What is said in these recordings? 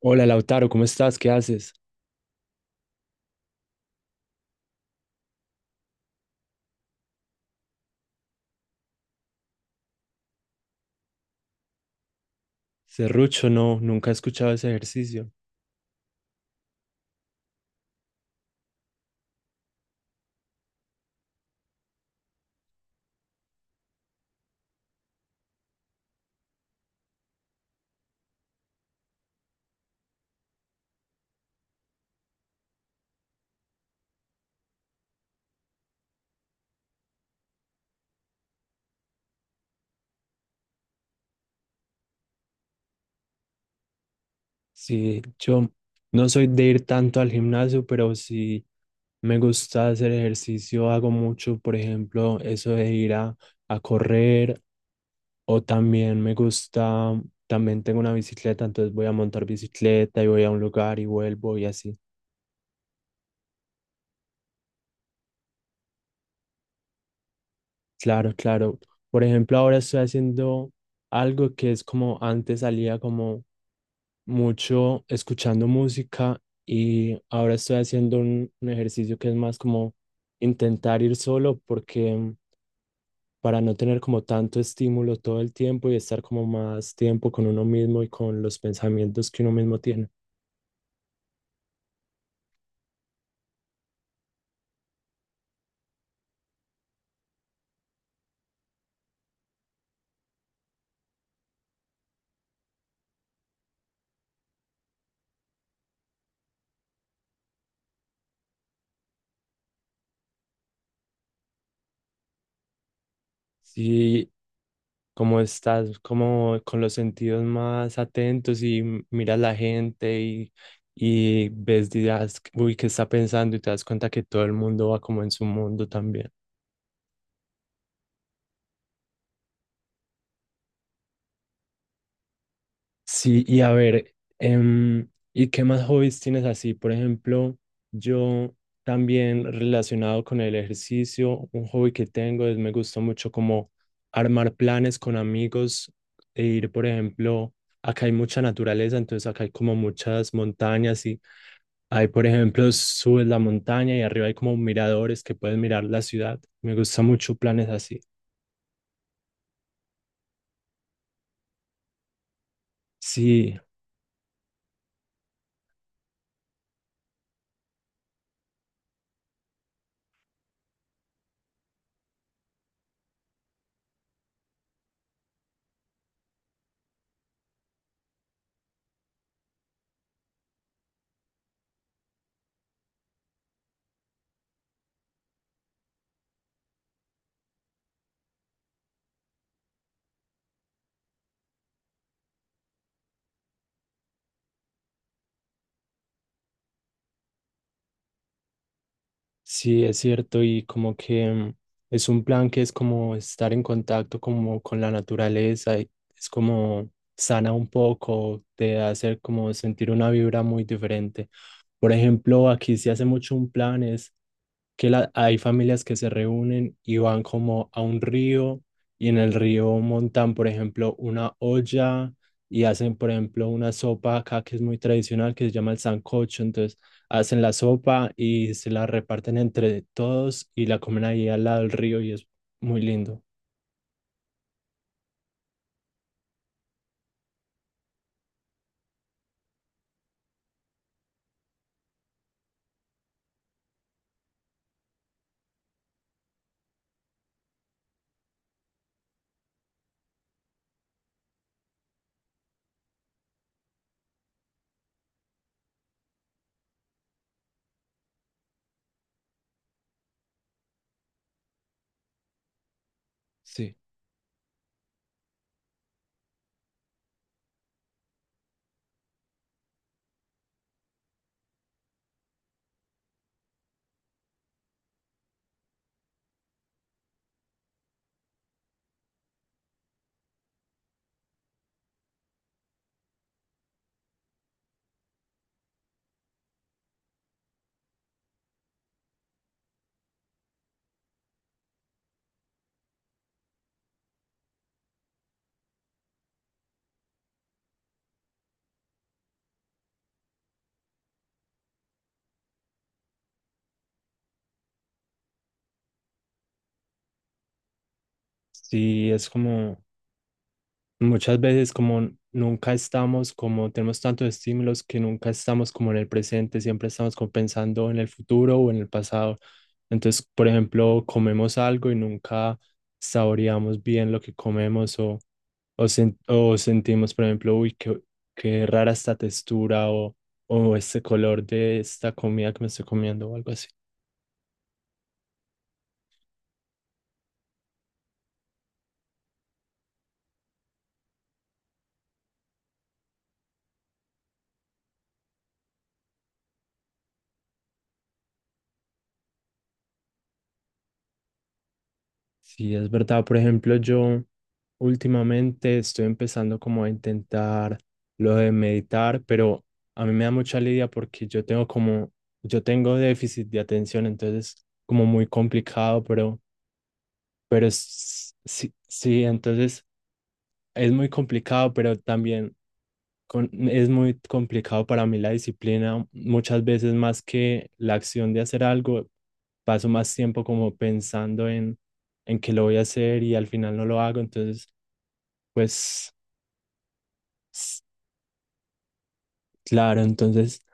Hola Lautaro, ¿cómo estás? ¿Qué haces? Serrucho, no, nunca he escuchado ese ejercicio. Sí, yo no soy de ir tanto al gimnasio, pero sí me gusta hacer ejercicio, hago mucho, por ejemplo, eso de ir a correr o también me gusta, también tengo una bicicleta, entonces voy a montar bicicleta y voy a un lugar y vuelvo y así. Claro, claro. Por ejemplo, ahora estoy haciendo algo que es como antes salía como mucho escuchando música y ahora estoy haciendo un ejercicio que es más como intentar ir solo porque para no tener como tanto estímulo todo el tiempo y estar como más tiempo con uno mismo y con los pensamientos que uno mismo tiene. Sí, como estás como con los sentidos más atentos y miras la gente y ves, dirás, uy, ¿qué está pensando? Y te das cuenta que todo el mundo va como en su mundo también. Sí, y a ver, ¿y qué más hobbies tienes así? Por ejemplo, yo también relacionado con el ejercicio, un hobby que tengo es me gusta mucho como armar planes con amigos e ir, por ejemplo, acá hay mucha naturaleza, entonces acá hay como muchas montañas y hay, por ejemplo, subes la montaña y arriba hay como miradores que puedes mirar la ciudad. Me gusta mucho planes así. Sí, sí, es cierto, y como que es un plan que es como estar en contacto como con la naturaleza, y es como sana un poco, te hace como sentir una vibra muy diferente. Por ejemplo, aquí se hace mucho un plan, es que hay familias que se reúnen y van como a un río y en el río montan, por ejemplo, una olla y hacen, por ejemplo, una sopa acá que es muy tradicional, que se llama el sancocho. Entonces hacen la sopa y se la reparten entre todos y la comen ahí al lado del río y es muy lindo. Sí. Sí, es como... Muchas veces como nunca estamos, como tenemos tantos estímulos que nunca estamos como en el presente, siempre estamos como pensando en el futuro o en el pasado. Entonces, por ejemplo, comemos algo y nunca saboreamos bien lo que comemos o, o sentimos, por ejemplo, uy, qué, qué rara esta textura o este color de esta comida que me estoy comiendo o algo así. Sí, es verdad. Por ejemplo, yo últimamente estoy empezando como a intentar lo de meditar, pero a mí me da mucha lidia porque yo tengo como, yo tengo déficit de atención, entonces como muy complicado, pero sí, sí, entonces es muy complicado, pero también es muy complicado para mí la disciplina. Muchas veces más que la acción de hacer algo, paso más tiempo como pensando en que lo voy a hacer y al final no lo hago. Entonces, pues claro, entonces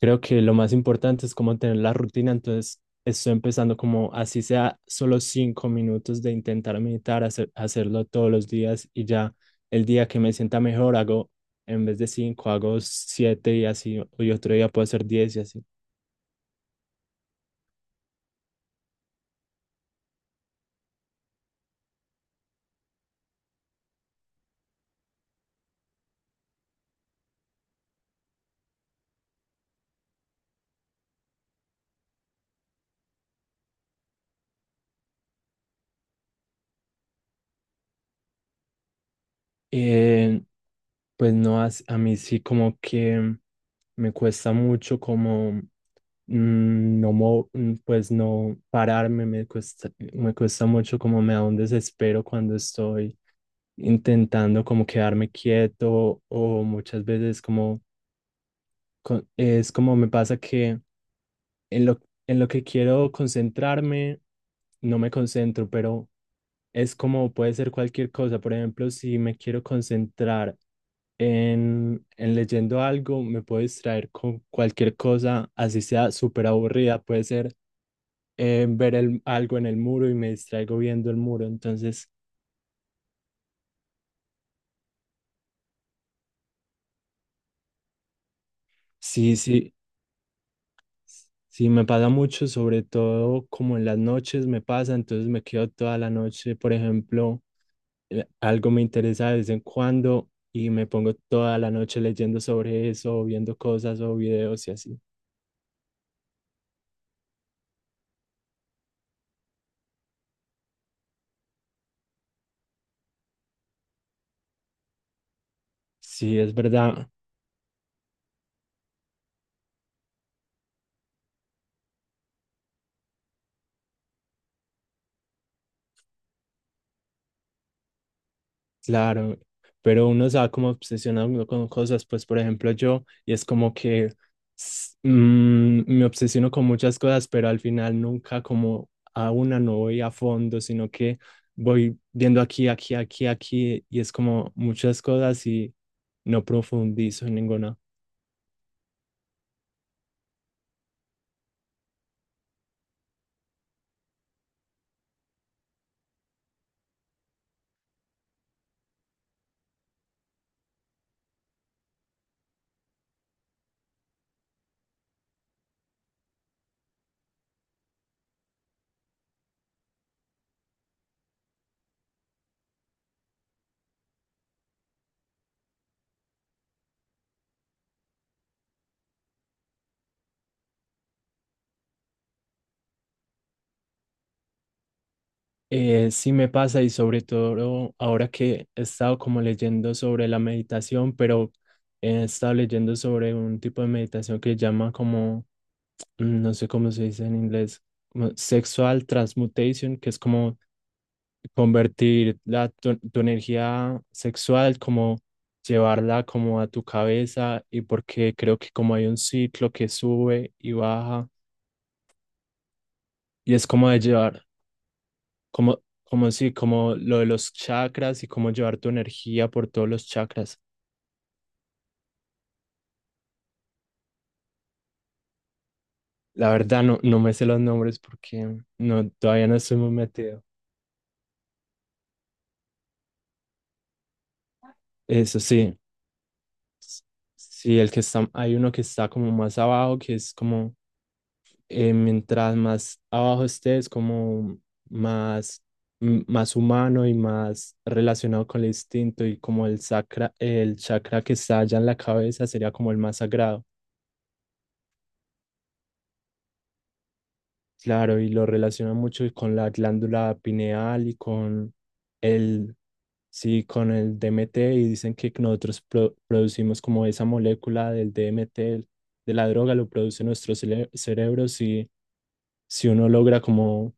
creo que lo más importante es como tener la rutina, entonces estoy empezando como así sea solo 5 minutos de intentar meditar, hacerlo todos los días y ya el día que me sienta mejor hago, en vez de cinco, hago siete y así, y otro día puedo hacer diez y así. Eh, pues no, a mí sí como que me cuesta mucho como pues no pararme, me cuesta mucho, como me da un desespero cuando estoy intentando como quedarme quieto o muchas veces como, es como me pasa que en lo, en lo que quiero concentrarme, no me concentro, pero es como puede ser cualquier cosa. Por ejemplo, si me quiero concentrar en leyendo algo, me puedo distraer con cualquier cosa, así sea súper aburrida, puede ser ver algo en el muro y me distraigo viendo el muro. Entonces, sí, sí, sí, me pasa mucho, sobre todo como en las noches me pasa, entonces me quedo toda la noche, por ejemplo, algo me interesa de vez en cuando y me pongo toda la noche leyendo sobre eso, o viendo cosas o videos y así. Sí, es verdad. Claro, pero uno se va como obsesionando con cosas, pues por ejemplo yo, y es como que me obsesiono con muchas cosas, pero al final nunca como a una no voy a fondo, sino que voy viendo aquí, aquí, aquí, aquí, y es como muchas cosas y no profundizo en ninguna. Sí me pasa y sobre todo ahora que he estado como leyendo sobre la meditación, pero he estado leyendo sobre un tipo de meditación que llama como no sé cómo se dice en inglés, como sexual transmutation, que es como convertir tu energía sexual, como llevarla como a tu cabeza y porque creo que como hay un ciclo que sube y baja y es como de llevar, como sí, como lo de los chakras y como llevar tu energía por todos los chakras. La verdad no, no me sé los nombres porque no, todavía no estoy muy metido. Eso sí. Sí, el que está, hay uno que está como más abajo, que es como mientras más abajo estés, como más, más humano y más relacionado con el instinto y como el sacra, el chakra que está allá en la cabeza sería como el más sagrado. Claro, y lo relaciona mucho con la glándula pineal y con el, sí, con el DMT y dicen que nosotros producimos como esa molécula del DMT, de la droga, lo produce nuestro cerebro si, si uno logra como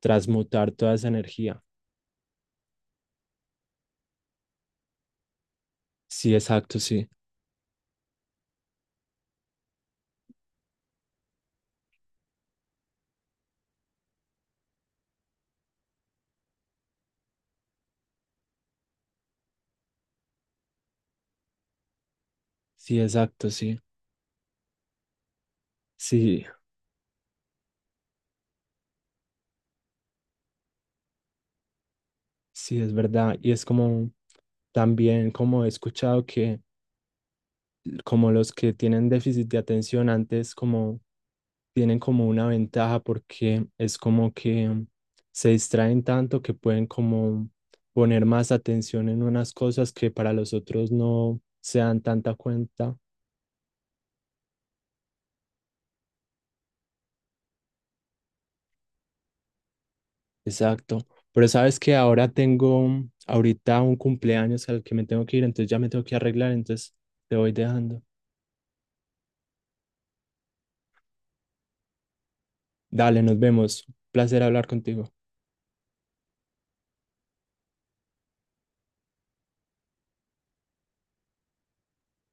transmutar toda esa energía. Sí, exacto, sí. Sí, exacto, sí. Sí, sí, es verdad. Y es como, también como he escuchado que como los que tienen déficit de atención antes, como tienen como una ventaja porque es como que se distraen tanto que pueden como poner más atención en unas cosas que para los otros no se dan tanta cuenta. Exacto. Pero sabes que ahora tengo ahorita un cumpleaños al que me tengo que ir, entonces ya me tengo que arreglar, entonces te voy dejando. Dale, nos vemos. Placer hablar contigo.